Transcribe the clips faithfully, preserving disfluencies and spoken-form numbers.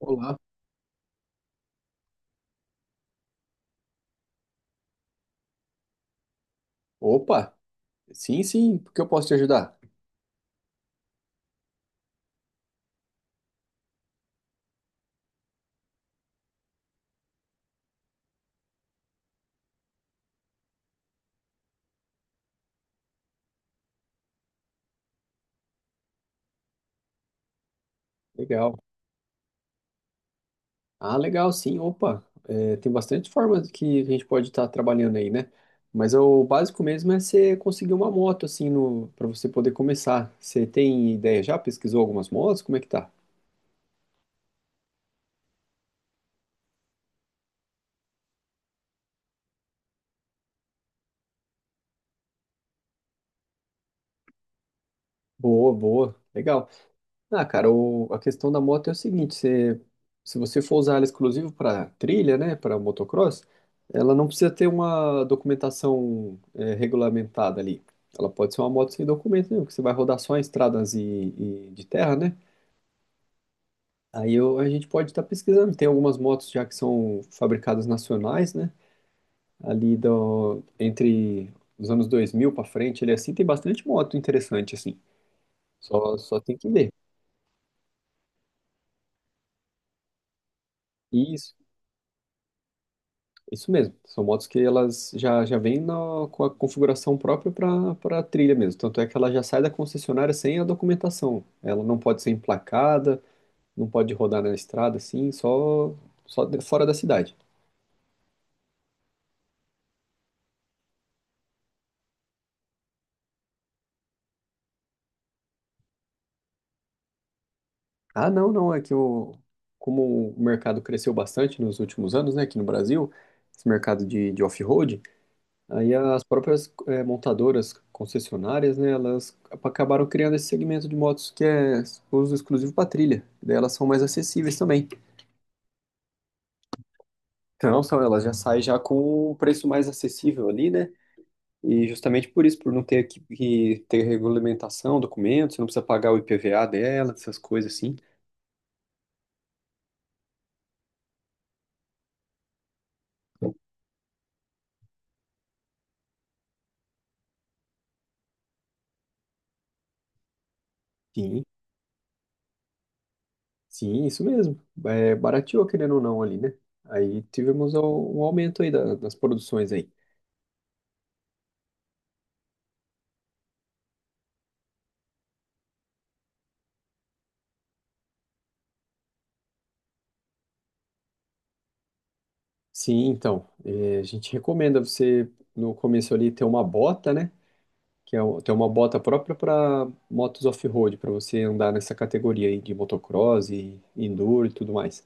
Olá. Opa, sim, sim, porque eu posso te ajudar? Legal. Ah, legal, sim, opa. É, tem bastante formas que a gente pode estar trabalhando aí, né? Mas o básico mesmo é você conseguir uma moto, assim, no, para você poder começar. Você tem ideia já? Pesquisou algumas motos? Como é que tá? Boa, boa, legal. Ah, cara, o- a questão da moto é o seguinte. Você- se você for usar ela exclusivo para trilha, né, para motocross, ela não precisa ter uma documentação eh, regulamentada ali. Ela pode ser uma moto sem documento nenhum, que você vai rodar só em estradas e, e, de terra, né? Aí eu- a gente pode estar pesquisando. Tem algumas motos já que são fabricadas nacionais, né? Ali do, entre os anos dois mil para frente, ele assim tem bastante moto interessante assim. Só, só tem que ver. Isso. Isso mesmo, são motos que elas já, já vêm na- com a configuração própria para a trilha mesmo. Tanto é que ela já sai da concessionária sem a documentação. Ela não pode ser emplacada, não pode rodar na estrada assim, só, só de- fora da cidade. Ah, não, não, é que o, como o mercado cresceu bastante nos últimos anos, né, aqui no Brasil, esse mercado de, de, off-road. Aí as próprias eh, montadoras, concessionárias, né, elas acabaram criando esse segmento de motos que é uso exclusivo para trilha. Daí elas são mais acessíveis também. Então, são, elas já saem já com um preço mais acessível ali, né? E justamente por isso, por não ter que, que ter regulamentação, documentos, você não precisa pagar o IPVA dela, essas coisas assim. Sim, sim, isso mesmo. É, barateou, querendo ou não, ali, né? Aí tivemos um um aumento aí da- das produções aí. Sim, então, eh, a gente recomenda você no começo ali ter uma bota, né? Que é o- ter uma bota própria para motos off-road, para você andar nessa categoria aí de motocross e enduro e tudo mais.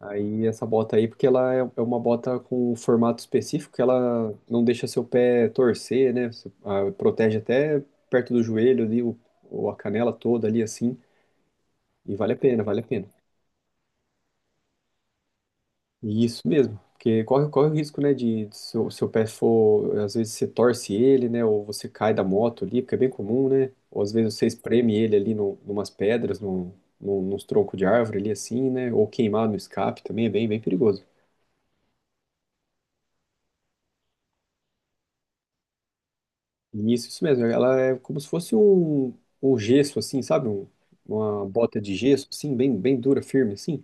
Aí essa bota aí, porque ela é é uma bota com um formato específico que ela não deixa seu pé torcer, né? Você, ah, protege até perto do joelho ali, o, ou a canela toda ali assim, e vale a pena, vale a pena. Isso mesmo, porque corre, corre o risco, né, de se o seu pé for, às vezes você torce ele, né, ou você cai da moto ali, porque é bem comum, né, ou às vezes você espreme ele ali no, numas pedras, num, num, nos troncos de árvore ali assim, né, ou queimar no escape também é bem, bem perigoso. E Isso, isso mesmo, ela é como se fosse um, um, gesso assim, sabe, um, uma bota de gesso assim, bem, bem dura, firme assim.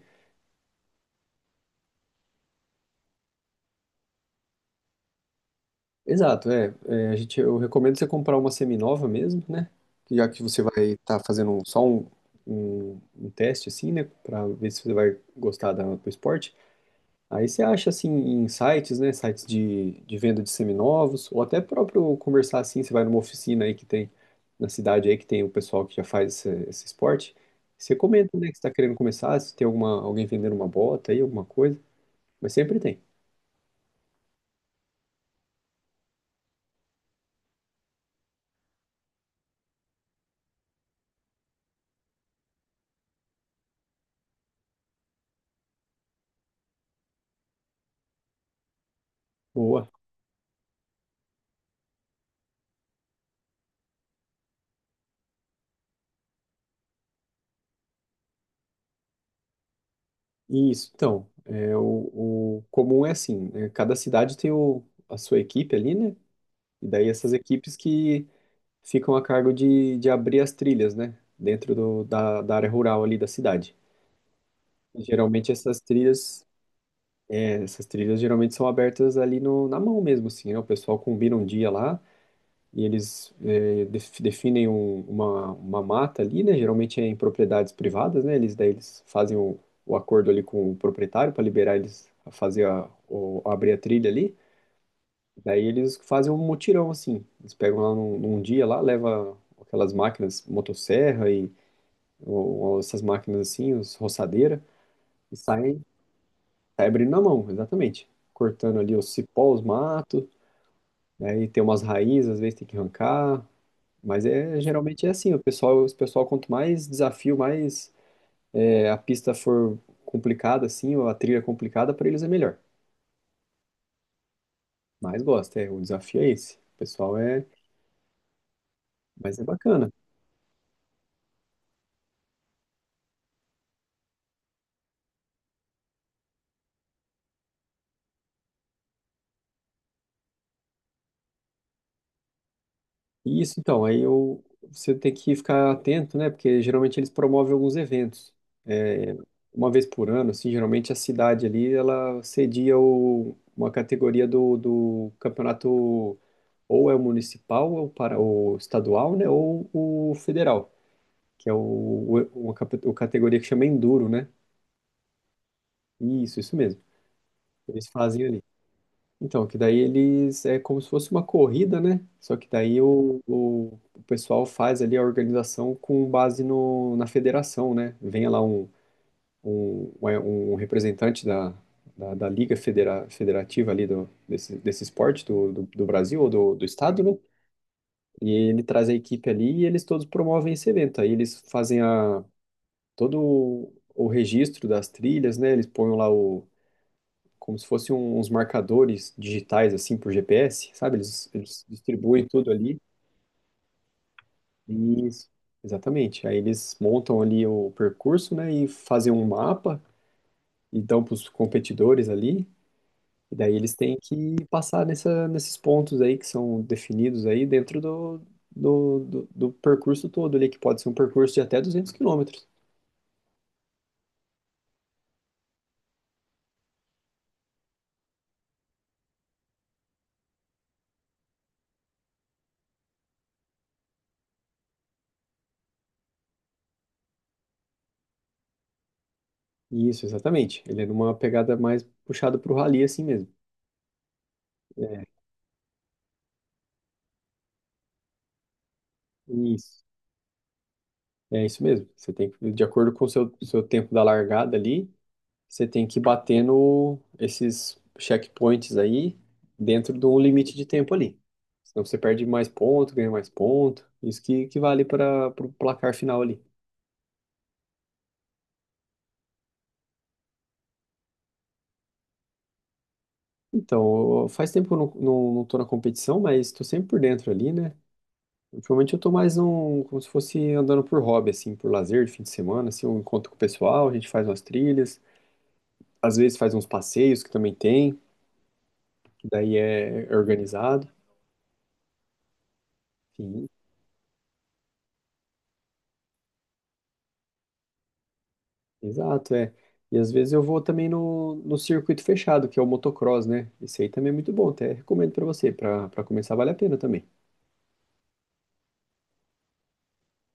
Exato, é, É, a gente, eu recomendo você comprar uma seminova mesmo, né? Que Já que você vai estar fazendo só um, um, um teste, assim, né? Para ver se você vai gostar da- do esporte. Aí você acha, assim, em sites, né? Sites de, de, venda de seminovos, ou até próprio conversar, assim, você vai numa oficina aí que tem, na cidade aí que tem o pessoal que já faz esse, esse esporte. Você comenta, né, que você está querendo começar, se tem alguma, alguém vendendo uma bota aí, alguma coisa. Mas sempre tem. Boa. Isso, então, é, o, o, comum é assim, né, cada cidade tem o, a sua equipe ali, né? E daí essas equipes que ficam a cargo de, de abrir as trilhas, né? Dentro do, da, da área rural ali da cidade. E geralmente essas trilhas, é, essas trilhas geralmente são abertas ali no, na mão mesmo, assim, né? O pessoal combina um dia lá, e eles é, def- definem um- uma, uma mata ali, né? Geralmente é em propriedades privadas, né? Eles daí eles fazem o, o acordo ali com o proprietário para liberar eles a fazer a, o, a abrir a trilha ali. Daí eles fazem um mutirão assim. Eles pegam lá num, num dia lá, leva aquelas máquinas, motosserra e ou- ou essas máquinas assim, os roçadeira, e saem, saem abrindo na mão, exatamente. Cortando ali os cipós, os matos, daí tem umas raízes, às vezes tem que arrancar. Mas é geralmente é assim. O pessoal, o pessoal quanto mais desafio, mais é, a pista for complicada assim, ou a trilha complicada, para eles é melhor. Mas gosta, é, o desafio é esse. O pessoal é, mas é bacana. E isso então, aí eu, você tem que ficar atento, né? Porque geralmente eles promovem alguns eventos. É, uma vez por ano, assim, geralmente a cidade ali, ela cedia o- uma categoria do, do campeonato, ou é o municipal, ou para o estadual, né? Ou o federal. Que é o, o, uma, cap- o categoria que chama Enduro, né? Isso, isso mesmo. Eles fazem ali. Então, que daí eles é como se fosse uma corrida, né? Só que daí o, o, o pessoal faz ali a organização com base no, na federação, né? Vem lá um, um, um um representante da, da, da Liga Federa, Federativa ali do, desse, desse esporte do, do, do Brasil ou do, do estado, né? E ele traz a equipe ali e eles todos promovem esse evento. Aí eles fazem a, todo o, o registro das trilhas, né? Eles põem lá o, como se fossem um- uns marcadores digitais, assim, por G P S, sabe? Eles, eles distribuem tudo ali. Isso, exatamente. Aí eles montam ali o percurso, né? E fazem um mapa e dão para os competidores ali. E daí eles têm que passar nessa, nesses pontos aí que são definidos aí dentro do, do, do, do percurso todo ali, que pode ser um percurso de até duzentos quilômetros. Isso, exatamente. Ele é numa pegada mais puxada para o rally assim mesmo. É, isso. É isso mesmo. Você tem que, de acordo com o seu, seu, tempo da largada ali, você tem que ir batendo esses checkpoints aí dentro de um limite de tempo ali. Senão você perde mais ponto, ganha mais ponto. Isso que, que, vale para o placar final ali. Então, eu- faz tempo que eu não, não, não tô na competição, mas estou sempre por dentro ali, né? Ultimamente eu tô mais um, como se fosse andando por hobby, assim, por lazer de fim de semana, assim, eu encontro com o pessoal, a gente faz umas trilhas, às vezes faz uns passeios que também tem. Que daí é organizado. Sim, exato, é. E às vezes eu vou também no, no circuito fechado, que é o motocross, né? Esse aí também é muito bom, até recomendo pra você. Pra para começar vale a pena também.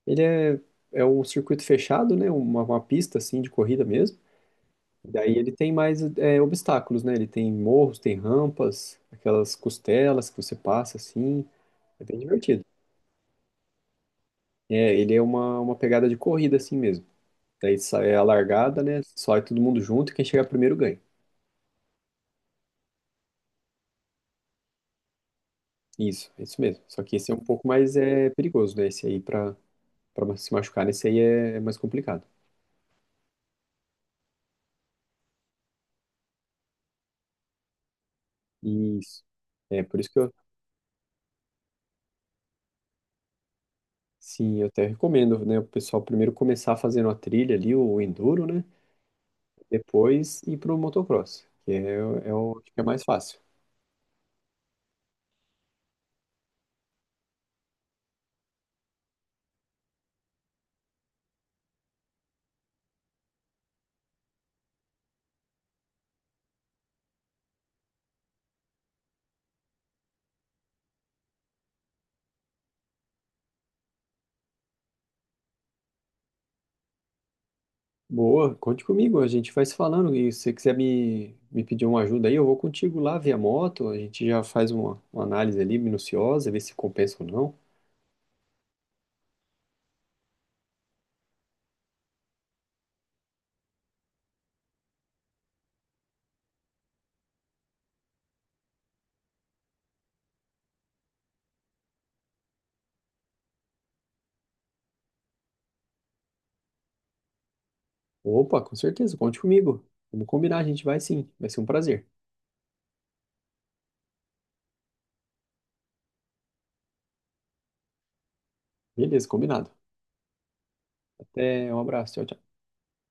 Ele é, é um circuito fechado, né? Uma, uma pista assim de corrida mesmo. Daí ele tem mais é, obstáculos, né? Ele tem morros, tem rampas, aquelas costelas que você passa assim. É bem divertido. É, ele é uma, uma, pegada de corrida assim mesmo. Daí sai a largada, né? Sai todo mundo junto e quem chegar primeiro ganha. Isso, é isso mesmo. Só que esse é um pouco mais é, perigoso, né? Esse aí, pra, pra se machucar, esse aí é é mais complicado. Isso. É, por isso que eu, sim, eu até recomendo, né, o pessoal primeiro começar fazendo a trilha ali, o enduro, né? Depois ir pro motocross, que é, é o acho que é mais fácil. Boa, conte comigo, a gente vai se falando. E se você quiser me, me pedir uma ajuda aí, eu vou contigo lá via moto, a gente já faz uma, uma, análise ali minuciosa, ver se compensa ou não. Opa, com certeza, conte comigo. Vamos combinar, a gente vai sim. Vai ser um prazer. Beleza, combinado. Até, um abraço. Tchau, tchau.